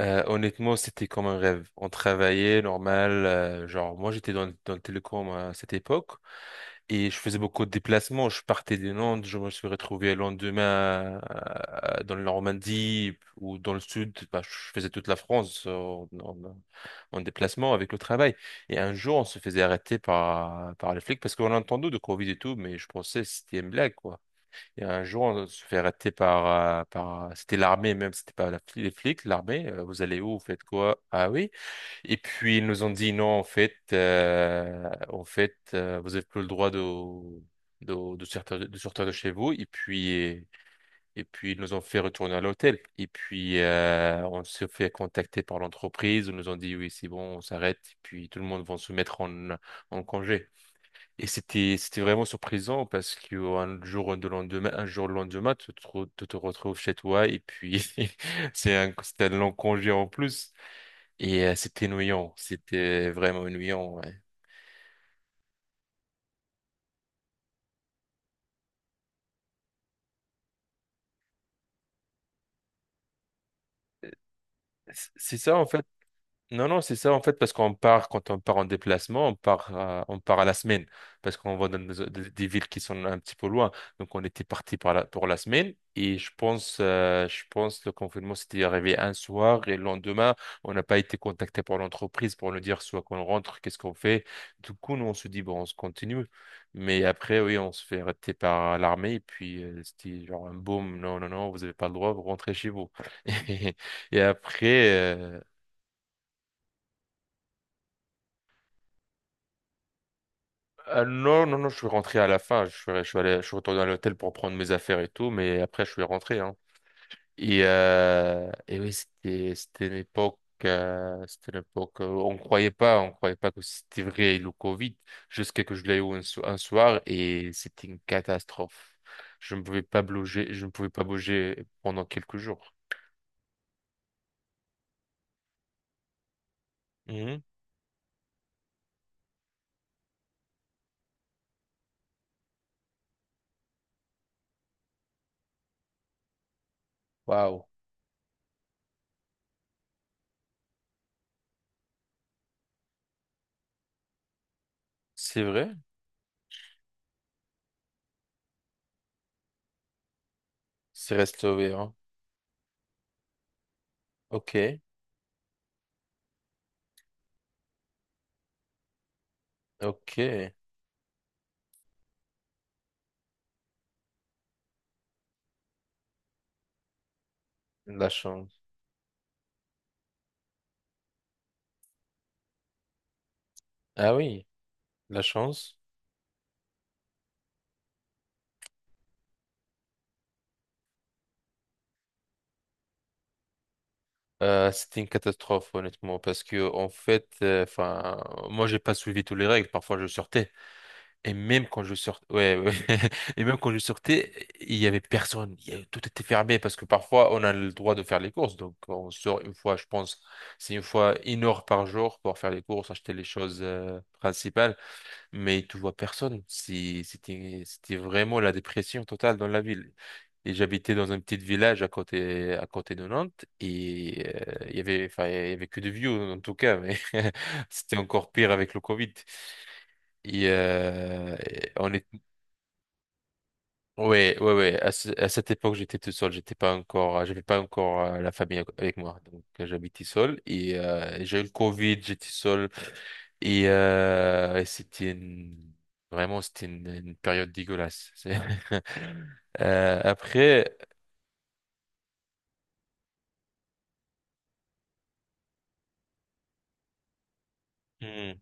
Honnêtement, c'était comme un rêve. On travaillait normal. Genre, moi, j'étais dans le télécom à cette époque et je faisais beaucoup de déplacements. Je partais de Nantes, je me suis retrouvé le lendemain dans la Normandie ou dans le sud. Bah, je faisais toute la France en déplacement avec le travail. Et un jour, on se faisait arrêter par les flics parce qu'on a entendu de Covid et tout, mais je pensais que c'était une blague, quoi. Et un jour, on se fait arrêter par, par, c'était l'armée même, c'était pas les flics, l'armée. Vous allez où? Vous faites quoi? Ah oui. Et puis ils nous ont dit non, en fait, vous n'avez plus le droit de sortir, de chez vous. Et puis ils nous ont fait retourner à l'hôtel. Et puis on s'est fait contacter par l'entreprise. Ils nous ont dit oui, c'est bon, on s'arrête. Et puis tout le monde va se mettre en congé. Et c'était vraiment surprisant parce que un jour le lendemain tu te retrouves chez toi et puis c'était un long congé en plus et c'était ennuyant, c'était vraiment ennuyant, ouais. C'est ça en fait. Non, non, c'est ça en fait, parce qu'on part, quand on part en déplacement, on part à la semaine, parce qu'on va dans des villes qui sont un petit peu loin. Donc, on était parti pour la semaine, et je pense le confinement s'était arrivé un soir, et le lendemain, on n'a pas été contacté par l'entreprise pour nous dire soit qu'on rentre, qu'est-ce qu'on fait. Du coup, nous, on se dit, bon, on se continue. Mais après, oui, on se fait arrêter par l'armée, et puis c'était genre un boom, non, non, non, vous n'avez pas le droit, vous rentrez chez vous. Et après, non, non, non, je suis rentré à la fin. Je suis retourné à l'hôtel pour prendre mes affaires et tout, mais après, je suis rentré, hein. Et oui, c'était, c'était une époque, on croyait pas que c'était vrai le Covid, jusqu'à que je l'ai eu un soir et c'était une catastrophe. Je ne pouvais pas bouger, je ne pouvais pas bouger pendant quelques jours. Mhm. Waouh. C'est vrai? C'est restauré, hein. Ok, ok. La chance. Ah oui, la chance. C'était une catastrophe, honnêtement, parce que, en fait, enfin, moi, j'ai pas suivi toutes les règles. Parfois, je sortais. Et même quand je sortais, ouais, ouais. Et même quand je sortais, il y avait personne. Tout était fermé parce que parfois, on a le droit de faire les courses. Donc, on sort une fois, je pense, c'est une fois une heure par jour pour faire les courses, acheter les choses, principales. Mais tu vois personne. C'était vraiment la dépression totale dans la ville. Et j'habitais dans un petit village à côté de Nantes. Et enfin, il y avait que des vieux, en tout cas. Mais c'était encore pire avec le Covid. Et on est, ouais, ouais, ouais. À cette époque, j'étais tout seul. J'avais pas encore la famille avec moi. Donc, j'habitais seul. Et j'ai eu le Covid, j'étais seul. Et, euh, et c'était une- Vraiment, c'était une période dégueulasse. Après, hmm,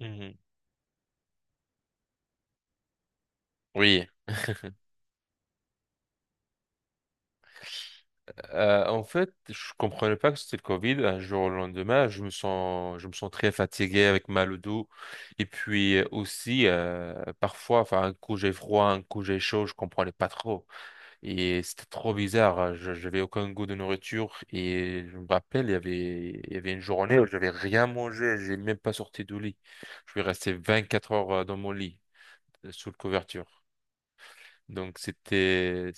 hmm, oui. En fait, je comprenais pas que c'était le Covid. Un jour au lendemain, je me sens très fatigué avec mal au dos. Et puis aussi, parfois, enfin, un coup j'ai froid, un coup j'ai chaud, je comprenais pas trop. Et c'était trop bizarre, hein. J'avais aucun goût de nourriture. Et je me rappelle, il y avait une journée où j'avais rien mangé. J'ai même pas sorti du lit. Je suis resté 24 heures dans mon lit, sous le couverture. Donc c'était.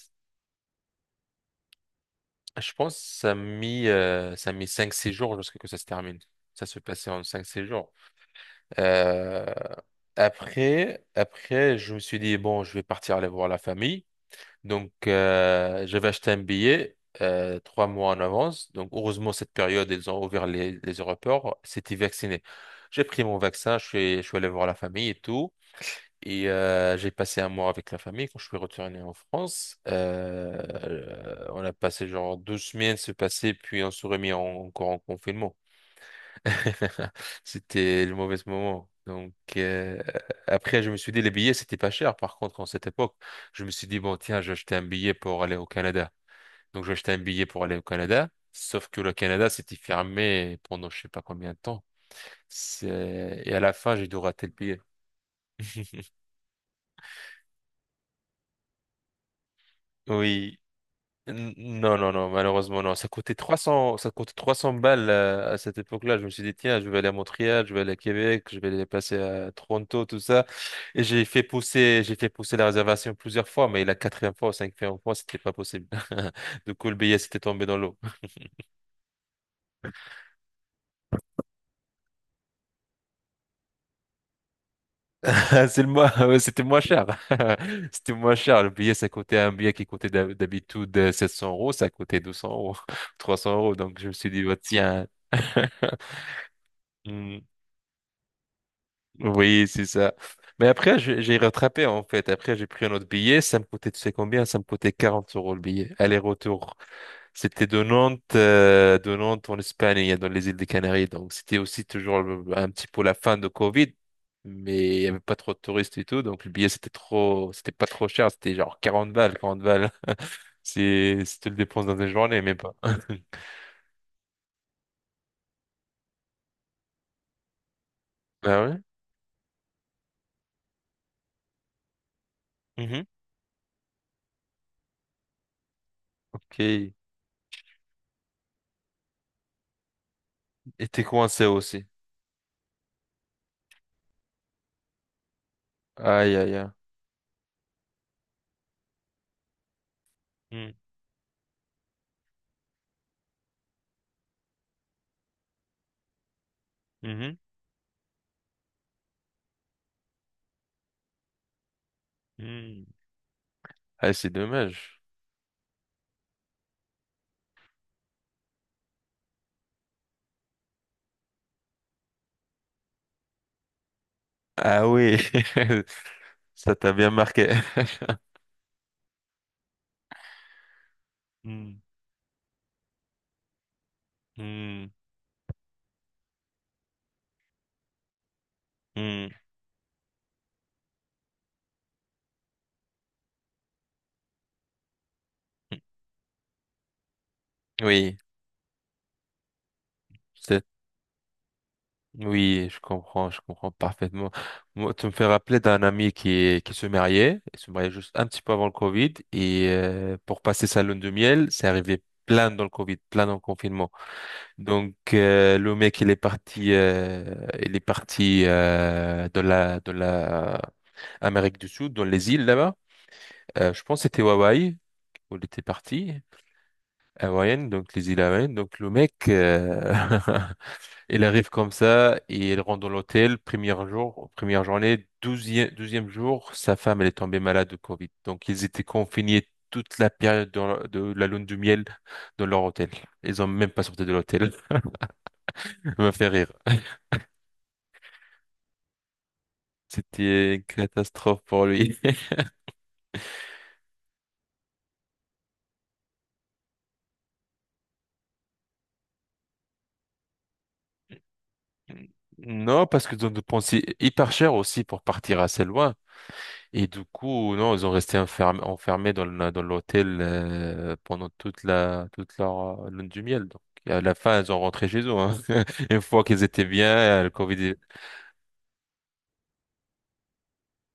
Je pense que ça a mis cinq 6 jours jusqu'à ce que ça se termine. Ça se passait en cinq 6 jours. Euh, après, je me suis dit, bon, je vais partir aller voir la famille. Donc, j'avais acheté un billet 3 mois en avance. Donc, heureusement, cette période, ils ont ouvert les aéroports. C'était vacciné. J'ai pris mon vaccin, je suis allé voir la famille et tout. Et j'ai passé un mois avec la famille quand je suis retourné en France. On a passé genre 2 semaines se passer, puis on se remis encore en confinement. C'était le mauvais moment. Donc, après, je me suis dit, les billets, c'était pas cher. Par contre, en cette époque, je me suis dit, bon, tiens, j'ai acheté un billet pour aller au Canada. Donc j'ai acheté un billet pour aller au Canada. Sauf que le Canada, c'était fermé pendant je sais pas combien de temps. Et à la fin, j'ai dû rater le billet. Oui, non, non, non, malheureusement, non. Ça coûtait 300 balles à cette époque-là. Je me suis dit, tiens, je vais aller à Montréal, je vais aller à Québec, je vais aller passer à Toronto, tout ça. Et j'ai fait pousser la réservation plusieurs fois, mais la quatrième fois ou cinquième fois, c'était pas possible. Du coup, le billet s'était tombé dans l'eau. C'est le moins, ouais, c'était moins cher. C'était moins cher. Le billet, ça coûtait un billet qui coûtait d'habitude 700 euros, ça coûtait 200 euros, 300 euros. Donc, je me suis dit, bah, tiens. Hmm. Oui, c'est ça. Mais après, j'ai rattrapé en fait. Après, j'ai pris un autre billet. Ça me coûtait, tu sais combien? Ça me coûtait 40 € le billet. Aller-retour. C'était de Nantes en Espagne, et dans les îles des Canaries. Donc, c'était aussi toujours un petit peu la fin de Covid. Mais il y avait pas trop de touristes et tout. Donc, le billet, c'était pas trop cher. C'était genre 40 balles, 40 balles. C'est, si tu le dépenses dans une journée, mais pas. Ah ouais? Mhm. Ok. Et t'es coincé aussi. Aïe, aïe, aïe. Hmm. Mhm. Hmm. Ah, c'est dommage. Ah oui, ça t'a bien marqué. Hmm, hmm, hmm. Oui, c'est- oui, je comprends parfaitement. Moi, tu me fais rappeler d'un ami il se mariait juste un petit peu avant le Covid, et pour passer sa lune de miel, c'est arrivé plein dans le Covid, plein dans le confinement. Donc, le mec, il est parti, de la Amérique du Sud, dans les îles là-bas. Je pense que c'était Hawaï, où il était parti, à donc les îles Hawaïennes. Donc le mec, il arrive comme ça et il rentre dans l'hôtel, premier jour, première journée, douzième jour, sa femme, elle est tombée malade de Covid. Donc ils étaient confinés toute la période dans de la lune de miel dans leur hôtel. Ils ont même pas sorti de l'hôtel. Ça m'a fait rire. C'était une catastrophe pour lui. Non, parce qu'ils ont dépensé hyper cher aussi pour partir assez loin. Et du coup, non, ils ont resté enfermés dans l'hôtel pendant toute leur lune du miel. Donc, à la fin, ils ont rentré chez eux, hein. Une fois qu'ils étaient bien, le Covid,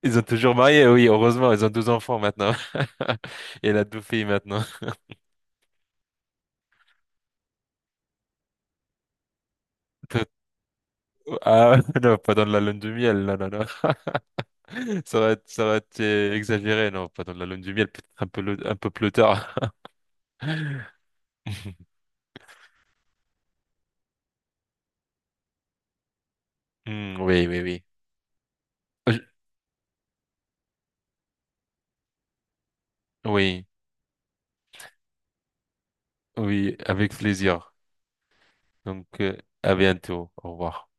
ils ont toujours marié. Oui, heureusement, ils ont deux enfants maintenant. Et la deux filles maintenant. Tout- Ah, non, pas dans la lune de miel. Non, non, non. Ça aurait été exagéré. Non, pas dans la lune de miel. Peut-être un peu un peu plus tard. Hmm, oui, oui, oui. Je- Oui, oui, avec plaisir. Donc, à bientôt. Au revoir.